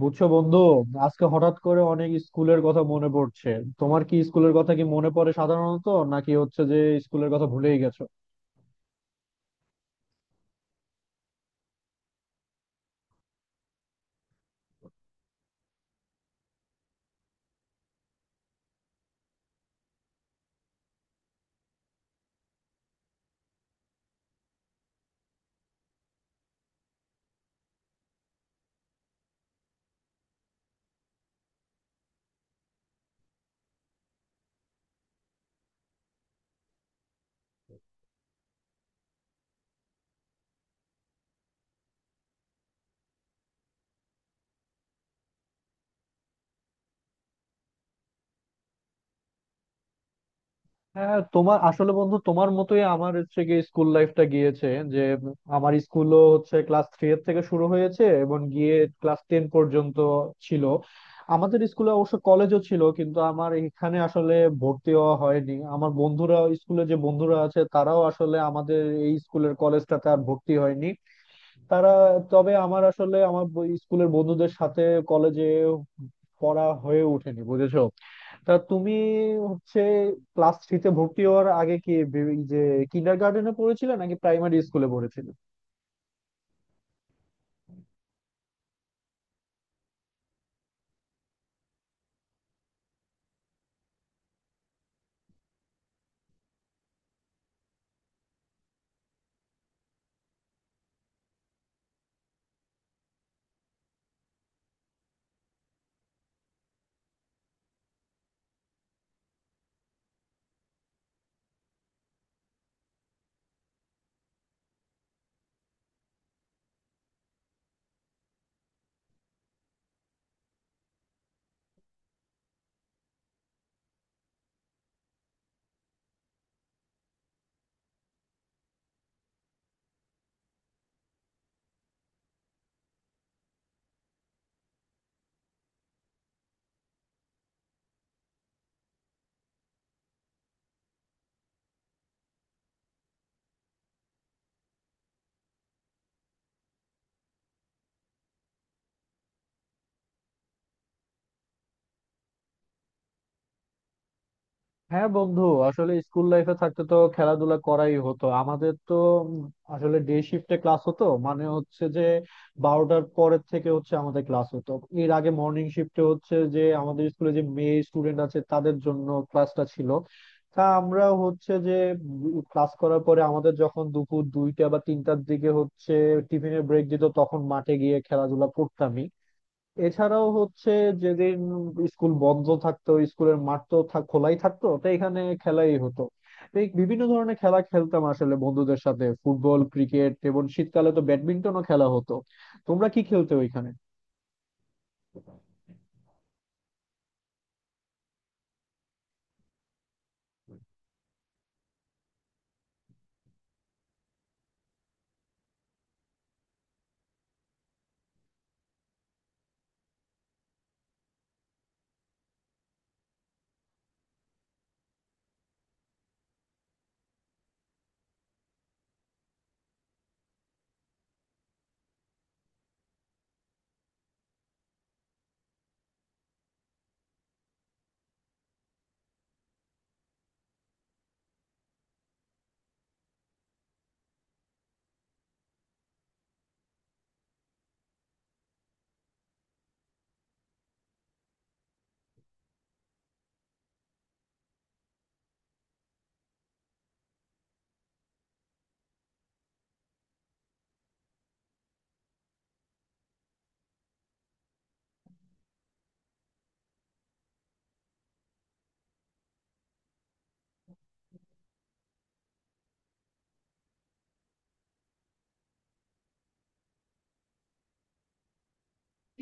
বুঝছো বন্ধু, আজকে হঠাৎ করে অনেক স্কুলের কথা মনে পড়ছে। তোমার কি স্কুলের কথা কি মনে পড়ে সাধারণত, নাকি হচ্ছে যে স্কুলের কথা ভুলেই গেছো? হ্যাঁ, তোমার আসলে বন্ধু তোমার মতোই আমার হচ্ছে গিয়ে স্কুল লাইফটা গিয়েছে যে আমার স্কুলও হচ্ছে ক্লাস থ্রি এর থেকে শুরু হয়েছে এবং গিয়ে ক্লাস টেন পর্যন্ত ছিল। আমাদের স্কুলে অবশ্য কলেজও ছিল কিন্তু আমার এখানে আসলে ভর্তি হওয়া হয়নি। আমার বন্ধুরা স্কুলে যে বন্ধুরা আছে তারাও আসলে আমাদের এই স্কুলের কলেজটাতে আর ভর্তি হয়নি তারা। তবে আমার আসলে আমার স্কুলের বন্ধুদের সাথে কলেজে পড়া হয়ে ওঠেনি বুঝেছো। তা তুমি হচ্ছে ক্লাস থ্রিতে ভর্তি হওয়ার আগে কি যে কিন্ডার গার্ডেনে পড়েছিলে নাকি প্রাইমারি স্কুলে পড়েছিলে? হ্যাঁ বন্ধু, আসলে স্কুল লাইফে থাকতে তো খেলাধুলা করাই হতো আমাদের তো। উম আসলে ডে শিফটে ক্লাস হতো, মানে হচ্ছে যে 12টার পরের থেকে হচ্ছে আমাদের ক্লাস হতো। এর আগে মর্নিং শিফটে হচ্ছে যে আমাদের স্কুলে যে মেয়ে স্টুডেন্ট আছে তাদের জন্য ক্লাসটা ছিল। তা আমরা হচ্ছে যে ক্লাস করার পরে আমাদের যখন দুপুর 2টা বা 3টার দিকে হচ্ছে টিফিনের ব্রেক দিত তখন মাঠে গিয়ে খেলাধুলা করতামই। এছাড়াও হচ্ছে যেদিন স্কুল বন্ধ থাকতো স্কুলের মাঠ তো খোলাই থাকতো তো এখানে খেলাই হতো। তো এই বিভিন্ন ধরনের খেলা খেলতাম আসলে বন্ধুদের সাথে ফুটবল, ক্রিকেট, এবং শীতকালে তো ব্যাডমিন্টনও খেলা হতো। তোমরা কি খেলতে ওইখানে?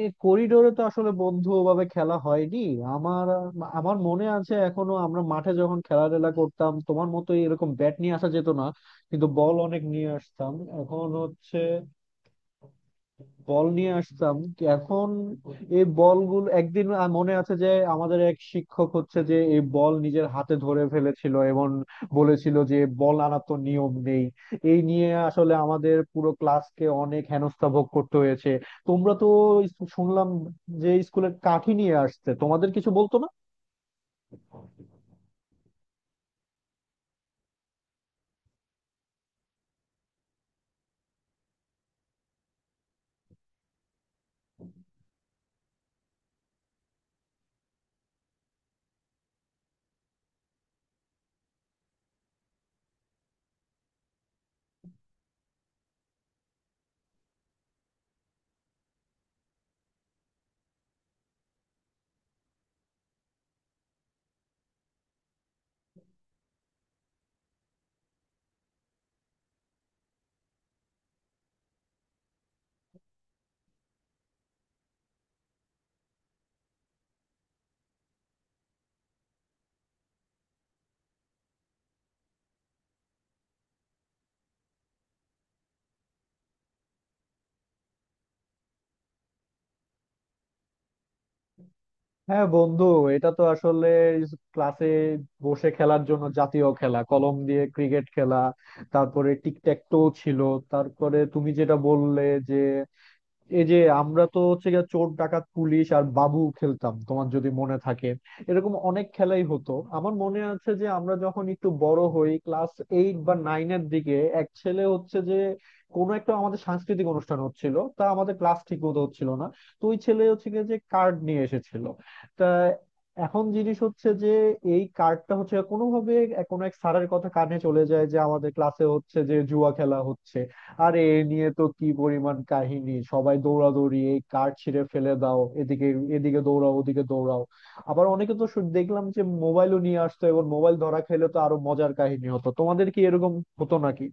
এই করিডোরে তো আসলে বন্ধু ওভাবে খেলা হয়নি আমার। আমার মনে আছে এখনো আমরা মাঠে যখন খেলাধুলা করতাম তোমার মতো এরকম ব্যাট নিয়ে আসা যেত না কিন্তু বল অনেক নিয়ে আসতাম। এখন হচ্ছে বল নিয়ে আসতাম কি এখন, এই বলগুলো একদিন মনে আছে যে আমাদের এক শিক্ষক হচ্ছে যে এই বল নিজের হাতে ধরে ফেলেছিল এবং বলেছিল যে বল আনা তো নিয়ম নেই। এই নিয়ে আসলে আমাদের পুরো ক্লাসকে অনেক হেনস্থা ভোগ করতে হয়েছে। তোমরা তো শুনলাম যে স্কুলের কাঠি নিয়ে আসছে তোমাদের কিছু বলতো না। হ্যাঁ বন্ধু, এটা তো আসলে ক্লাসে বসে খেলার জন্য জাতীয় খেলা কলম দিয়ে ক্রিকেট খেলা, তারপরে টিক ট্যাক টো ছিল, তারপরে তুমি যেটা বললে যে এই যে আমরা তো হচ্ছে গিয়ে চোর ডাকাত পুলিশ আর বাবু খেলতাম তোমার যদি মনে থাকে। এরকম অনেক খেলাই হতো। আমার মনে আছে যে আমরা যখন একটু বড় হই ক্লাস এইট বা নাইন এর দিকে এক ছেলে হচ্ছে যে কোনো একটা আমাদের সাংস্কৃতিক অনুষ্ঠান হচ্ছিল তা আমাদের ক্লাস ঠিক মতো হচ্ছিল না। তো ওই ছেলে হচ্ছে গিয়ে যে কার্ড নিয়ে এসেছিল, তা এখন জিনিস হচ্ছে যে এই কার্ডটা হচ্ছে কোনোভাবে কোনো এক স্যারের কথা কানে চলে যায় যে আমাদের ক্লাসে হচ্ছে যে জুয়া খেলা হচ্ছে। আরে এ নিয়ে তো কি পরিমাণ কাহিনী, সবাই দৌড়াদৌড়ি, এই কার্ড ছিঁড়ে ফেলে দাও, এদিকে এদিকে দৌড়াও ওদিকে দৌড়াও। আবার অনেকে তো দেখলাম যে মোবাইলও নিয়ে আসতো এবং মোবাইল ধরা খেলে তো আরো মজার কাহিনী হতো। তোমাদের কি এরকম হতো নাকি?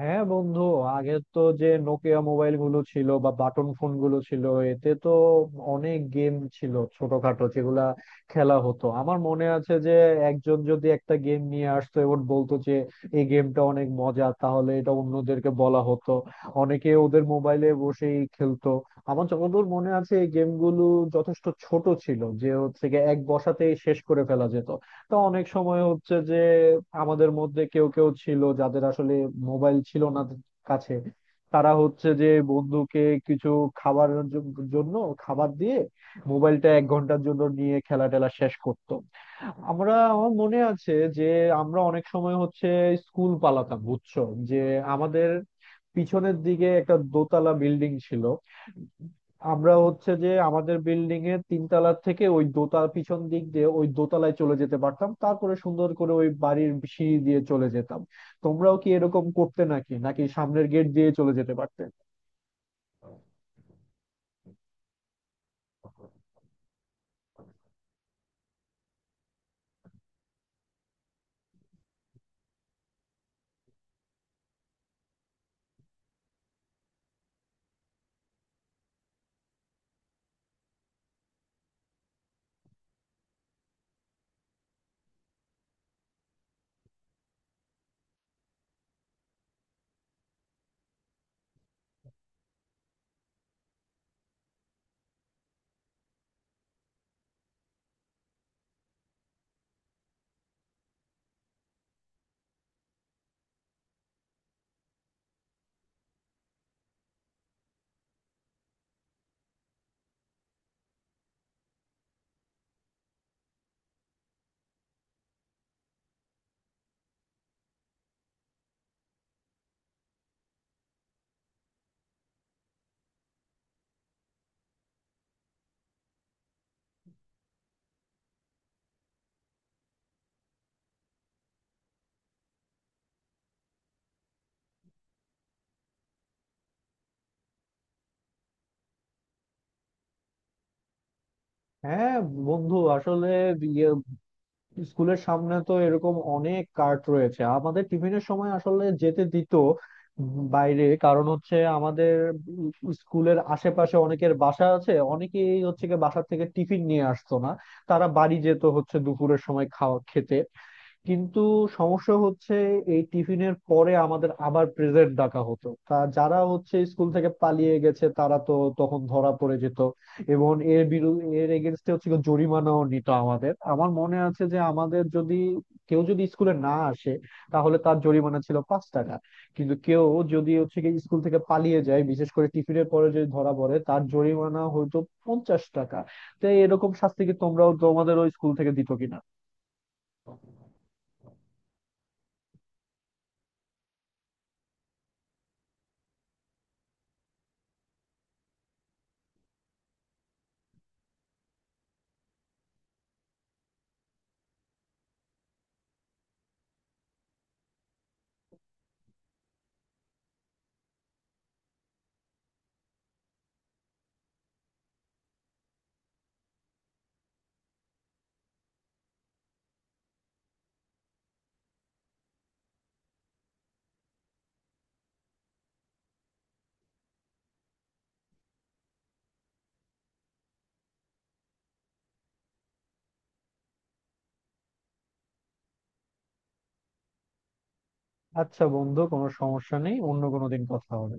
হ্যাঁ বন্ধু, আগে তো যে নোকিয়া মোবাইল গুলো ছিল বা বাটন ফোন গুলো ছিল এতে তো অনেক গেম ছিল ছোটখাটো যেগুলা খেলা হতো। আমার মনে আছে যে একজন যদি একটা গেম নিয়ে আসতো এবং বলতো যে এই গেমটা অনেক মজা তাহলে এটা অন্যদেরকে বলা হতো, অনেকে ওদের মোবাইলে বসেই খেলতো। আমার যতদূর মনে আছে এই গেমগুলো যথেষ্ট ছোট ছিল যে হচ্ছে গিয়ে এক বসাতেই শেষ করে ফেলা যেত। তো অনেক সময় হচ্ছে যে আমাদের মধ্যে কেউ কেউ ছিল যাদের আসলে মোবাইল ছিল না কাছে, তারা হচ্ছে যে বন্ধুকে কিছু খাবারের জন্য খাবার দিয়ে মোবাইলটা 1 ঘন্টার জন্য নিয়ে খেলা টেলা শেষ করতো। আমরা আমার মনে আছে যে আমরা অনেক সময় হচ্ছে স্কুল পালাতাম বুঝছো, যে আমাদের পিছনের দিকে একটা দোতলা বিল্ডিং ছিল, আমরা হচ্ছে যে আমাদের বিল্ডিং এর তিনতলা থেকে ওই দোতলা পিছন দিক দিয়ে ওই দোতলায় চলে যেতে পারতাম তারপরে সুন্দর করে ওই বাড়ির সিঁড়ি দিয়ে চলে যেতাম। তোমরাও কি এরকম করতে নাকি নাকি সামনের গেট দিয়ে চলে যেতে পারতে? হ্যাঁ বন্ধু, আসলে স্কুলের সামনে তো এরকম অনেক কার্ট রয়েছে। আমাদের টিফিনের সময় আসলে যেতে দিত বাইরে কারণ হচ্ছে আমাদের স্কুলের আশেপাশে অনেকের বাসা আছে, অনেকেই হচ্ছে গিয়ে বাসা থেকে টিফিন নিয়ে আসতো না, তারা বাড়ি যেত হচ্ছে দুপুরের সময় খাওয়া খেতে। কিন্তু সমস্যা হচ্ছে এই টিফিনের পরে আমাদের আবার প্রেজেন্ট ডাকা হতো তা যারা হচ্ছে স্কুল থেকে পালিয়ে গেছে তারা তো তখন ধরা পড়ে যেত। এবং এর বিরুদ্ধে এর এগেনস্টে হচ্ছে কি জরিমানাও নিত আমাদের। আমার মনে আছে যে আমাদের যদি কেউ যদি স্কুলে না আসে তাহলে তার জরিমানা ছিল 5 টাকা, কিন্তু কেউ যদি হচ্ছে কি স্কুল থেকে পালিয়ে যায় বিশেষ করে টিফিনের পরে যদি ধরা পড়ে তার জরিমানা হয়তো 50 টাকা। তো এরকম শাস্তি কি তোমরাও তোমাদের ওই স্কুল থেকে দিত কিনা? আচ্ছা বন্ধু, কোনো সমস্যা নেই, অন্য কোনো দিন কথা হবে।